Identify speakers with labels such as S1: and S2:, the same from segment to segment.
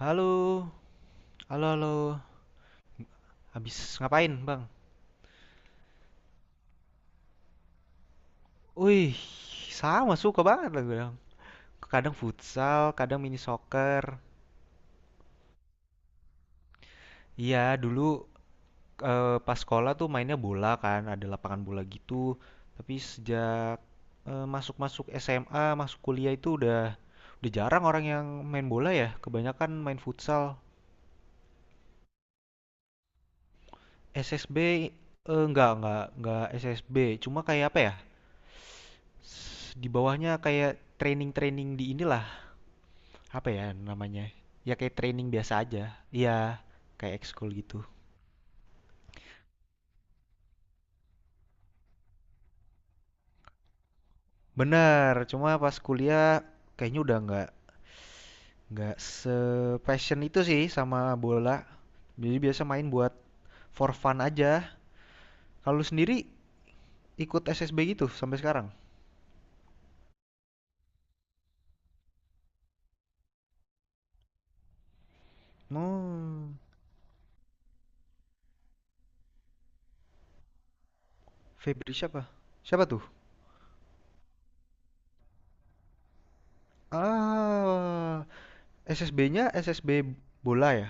S1: Halo, halo, halo. Habis ngapain, Bang? Wih, sama suka banget lah gue bilang. Kadang futsal, kadang mini soccer. Iya, dulu pas sekolah tuh mainnya bola kan, ada lapangan bola gitu. Tapi sejak masuk-masuk SMA, masuk kuliah itu udah jarang orang yang main bola ya. Kebanyakan main futsal. SSB enggak SSB. Cuma kayak apa ya? Di bawahnya kayak training-training di inilah apa ya namanya? Ya kayak training biasa aja. Iya, kayak ekskul gitu. Bener, cuma pas kuliah kayaknya udah nggak se-passion itu sih sama bola. Jadi biasa main buat for fun aja. Kalau lu sendiri ikut SSB gitu sampai sekarang? Oh, Febri siapa? Siapa tuh? Ah, SSB-nya SSB bola ya?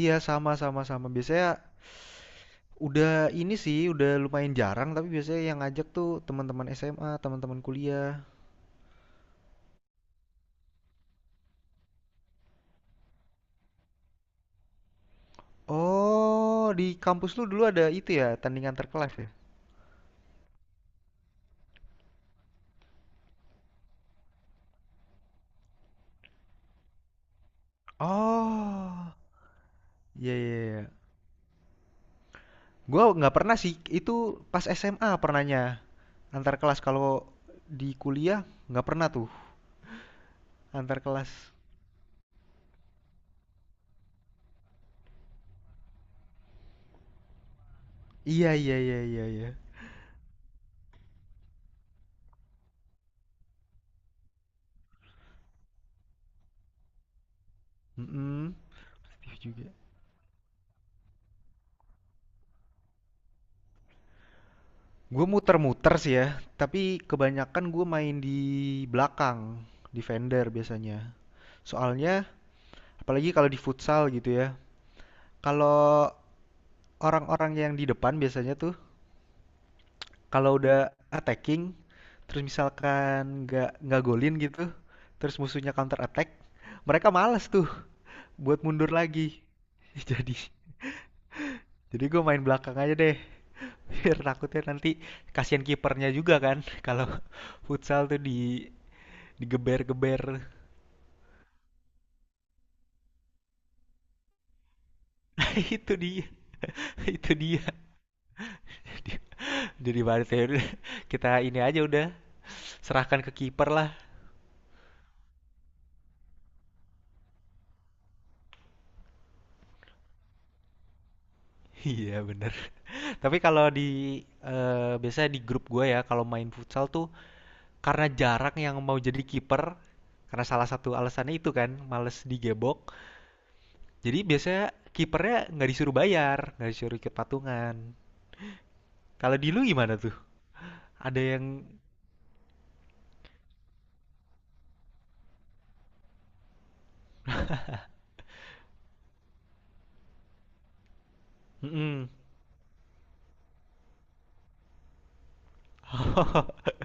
S1: Iya, sama sama sama. Biasanya udah ini sih, udah lumayan jarang tapi biasanya yang ngajak tuh teman-teman SMA, teman-teman kuliah. Oh, di kampus lu dulu ada itu ya, tandingan terkelas ya? Oh, iya iya iya. Gua nggak pernah sih, itu pas SMA pernahnya antar kelas, kalau di kuliah nggak pernah tuh antar kelas. Iya iya iya iya iya. Mm-mm. Sedih juga. Gue muter-muter sih ya, tapi kebanyakan gue main di belakang, di vendor biasanya. Soalnya apalagi kalau di futsal gitu ya. Kalau orang-orang yang di depan biasanya tuh kalau udah attacking, terus misalkan nggak golin gitu, terus musuhnya counter attack, mereka males tuh buat mundur lagi. Jadi jadi gue main belakang aja deh. Biar takutnya nanti kasihan kipernya juga kan kalau futsal tuh di digeber-geber. Nah, itu dia. Itu dia. Dia jadi wasit ya udah, kita ini aja udah serahkan ke kiper lah. Iya bener. Tapi kalau di biasanya di grup gue ya kalau main futsal tuh karena jarang yang mau jadi kiper, karena salah satu alasannya itu kan males digebok. Jadi biasanya kipernya nggak disuruh bayar, nggak disuruh ikut patungan. Kalau di lu gimana tuh? Ada yang. Mm-mm.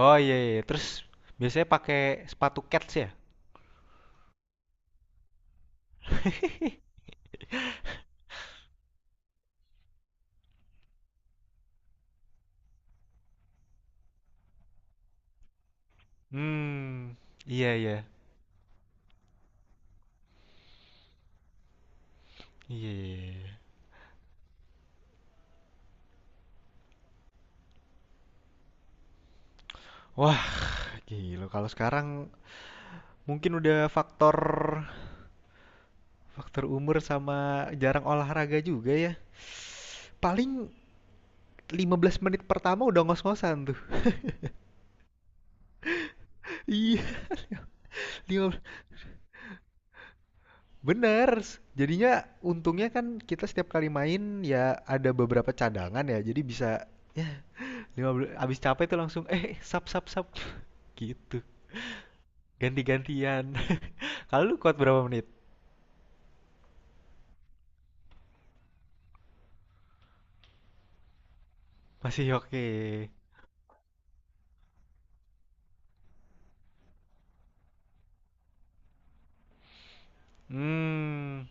S1: Oh, iya iya. Terus biasanya pakai sepatu cats ya? Hmm, iya iya. Iya, iya, iya. Wah, gila kalau sekarang mungkin udah faktor faktor umur sama jarang olahraga juga ya. Paling 15 menit pertama udah ngos-ngosan tuh. Iya, 15. Bener. Jadinya untungnya kan kita setiap kali main ya ada beberapa cadangan ya. Jadi bisa ya 15 abis capek tuh langsung sap sap sap gitu. Ganti-gantian. Kalau lu kuat berapa menit? Masih oke. Hmm.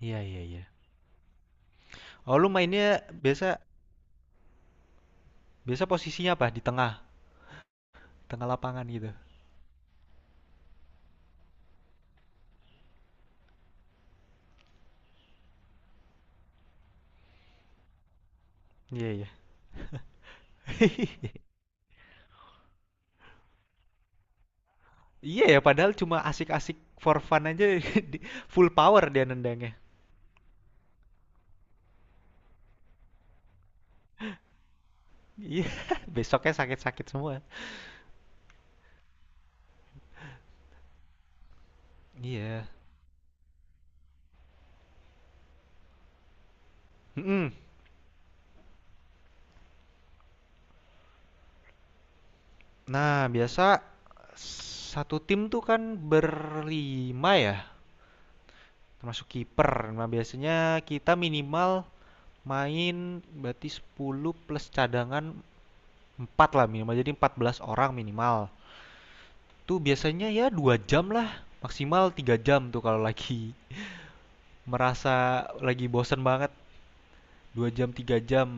S1: Iya iya iya. Oh, lu mainnya biasa biasa posisinya apa? Di tengah, tengah lapangan gitu. Iya, iya. Iya ya, padahal cuma asik-asik for fun aja, full power dia nendangnya. Iya, besoknya sakit-sakit semua. Iya. Mm-mm. Nah, biasa satu tim tuh kan berlima ya, termasuk kiper. Nah, biasanya kita minimal main berarti 10 plus cadangan 4 lah minimal. Jadi 14 orang minimal. Itu biasanya ya 2 jam lah, maksimal 3 jam tuh kalau lagi merasa lagi bosen banget, 2 jam 3 jam.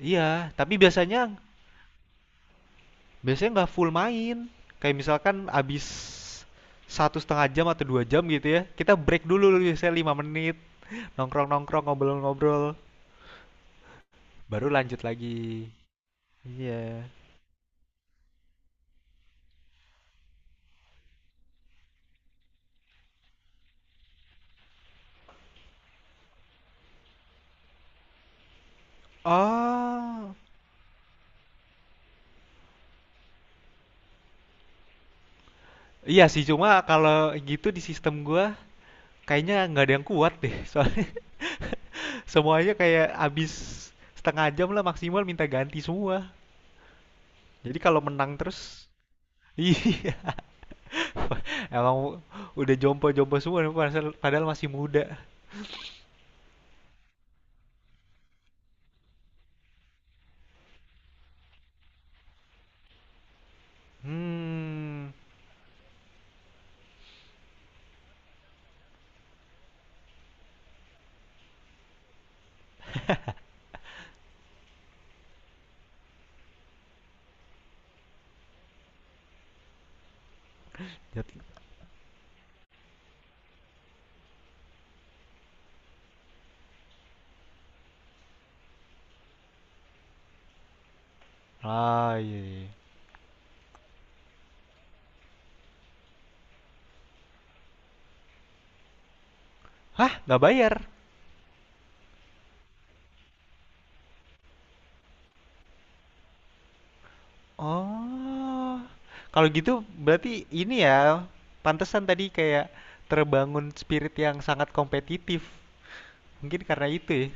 S1: Iya, tapi biasanya biasanya nggak full main. Kayak misalkan abis satu setengah jam atau 2 jam gitu ya, kita break dulu biasanya 5 menit, nongkrong-nongkrong, ngobrol-ngobrol, baru lanjut lagi. Iya. Oh, iya sih, cuma kalau gitu di sistem gua kayaknya nggak ada yang kuat deh, soalnya semuanya kayak abis setengah jam lah maksimal minta ganti semua. Jadi kalau menang terus, iya. Emang udah jompo-jompo semua, padahal padahal masih muda. Hmm. Jadi, ah iya, iya, iya. Hah, nggak bayar? Oh. Kalau gitu berarti ini ya, pantesan tadi kayak terbangun spirit yang sangat kompetitif. Mungkin karena itu ya.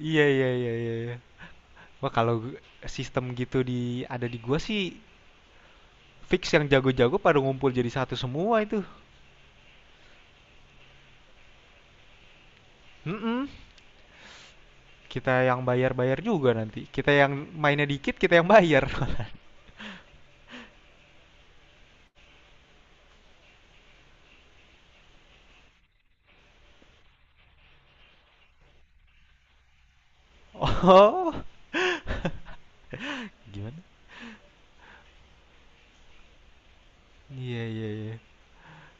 S1: Iya, iya, iya, iya, iya. Wah, kalau sistem gitu di ada di gua sih. Fix yang jago-jago pada ngumpul jadi satu semua itu. Mm-mm. Kita yang bayar-bayar juga nanti. Kita yang mainnya dikit, kita yang bayar. Oh. Gimana? Iya, iya, iya.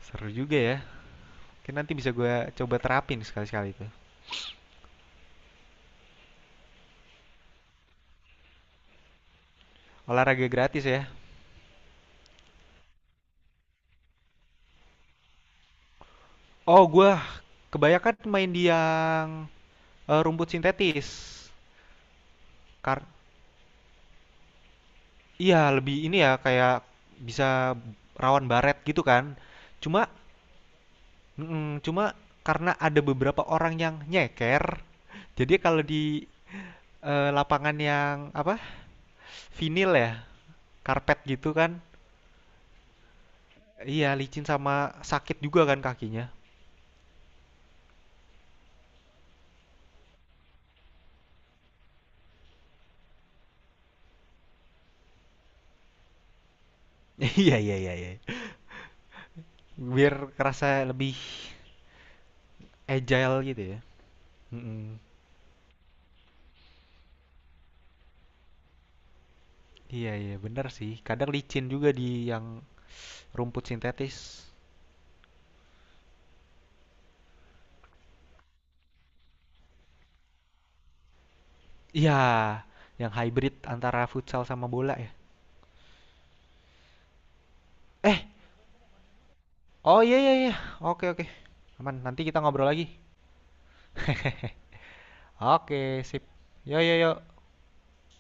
S1: Seru juga ya. Mungkin nanti bisa gue coba terapin sekali-sekali itu. Olahraga gratis ya. Oh, gue kebanyakan main di yang rumput sintetis. Kar iya, lebih ini ya kayak bisa rawan baret gitu kan. Cuma, cuma karena ada beberapa orang yang nyeker, jadi kalau di lapangan yang apa? Vinil ya, karpet gitu kan. Iya, licin sama sakit juga kan kakinya. Iya, iya, iya, iya. Biar kerasa lebih agile gitu ya. Mm-mm. Iya, iya, benar sih. Kadang licin juga di yang rumput sintetis. Iya, yang hybrid antara futsal sama bola ya. Eh, oh iya, iya, iya. Oke, oke. Aman, nanti kita ngobrol lagi. Oke, sip. Yo, yo, yo.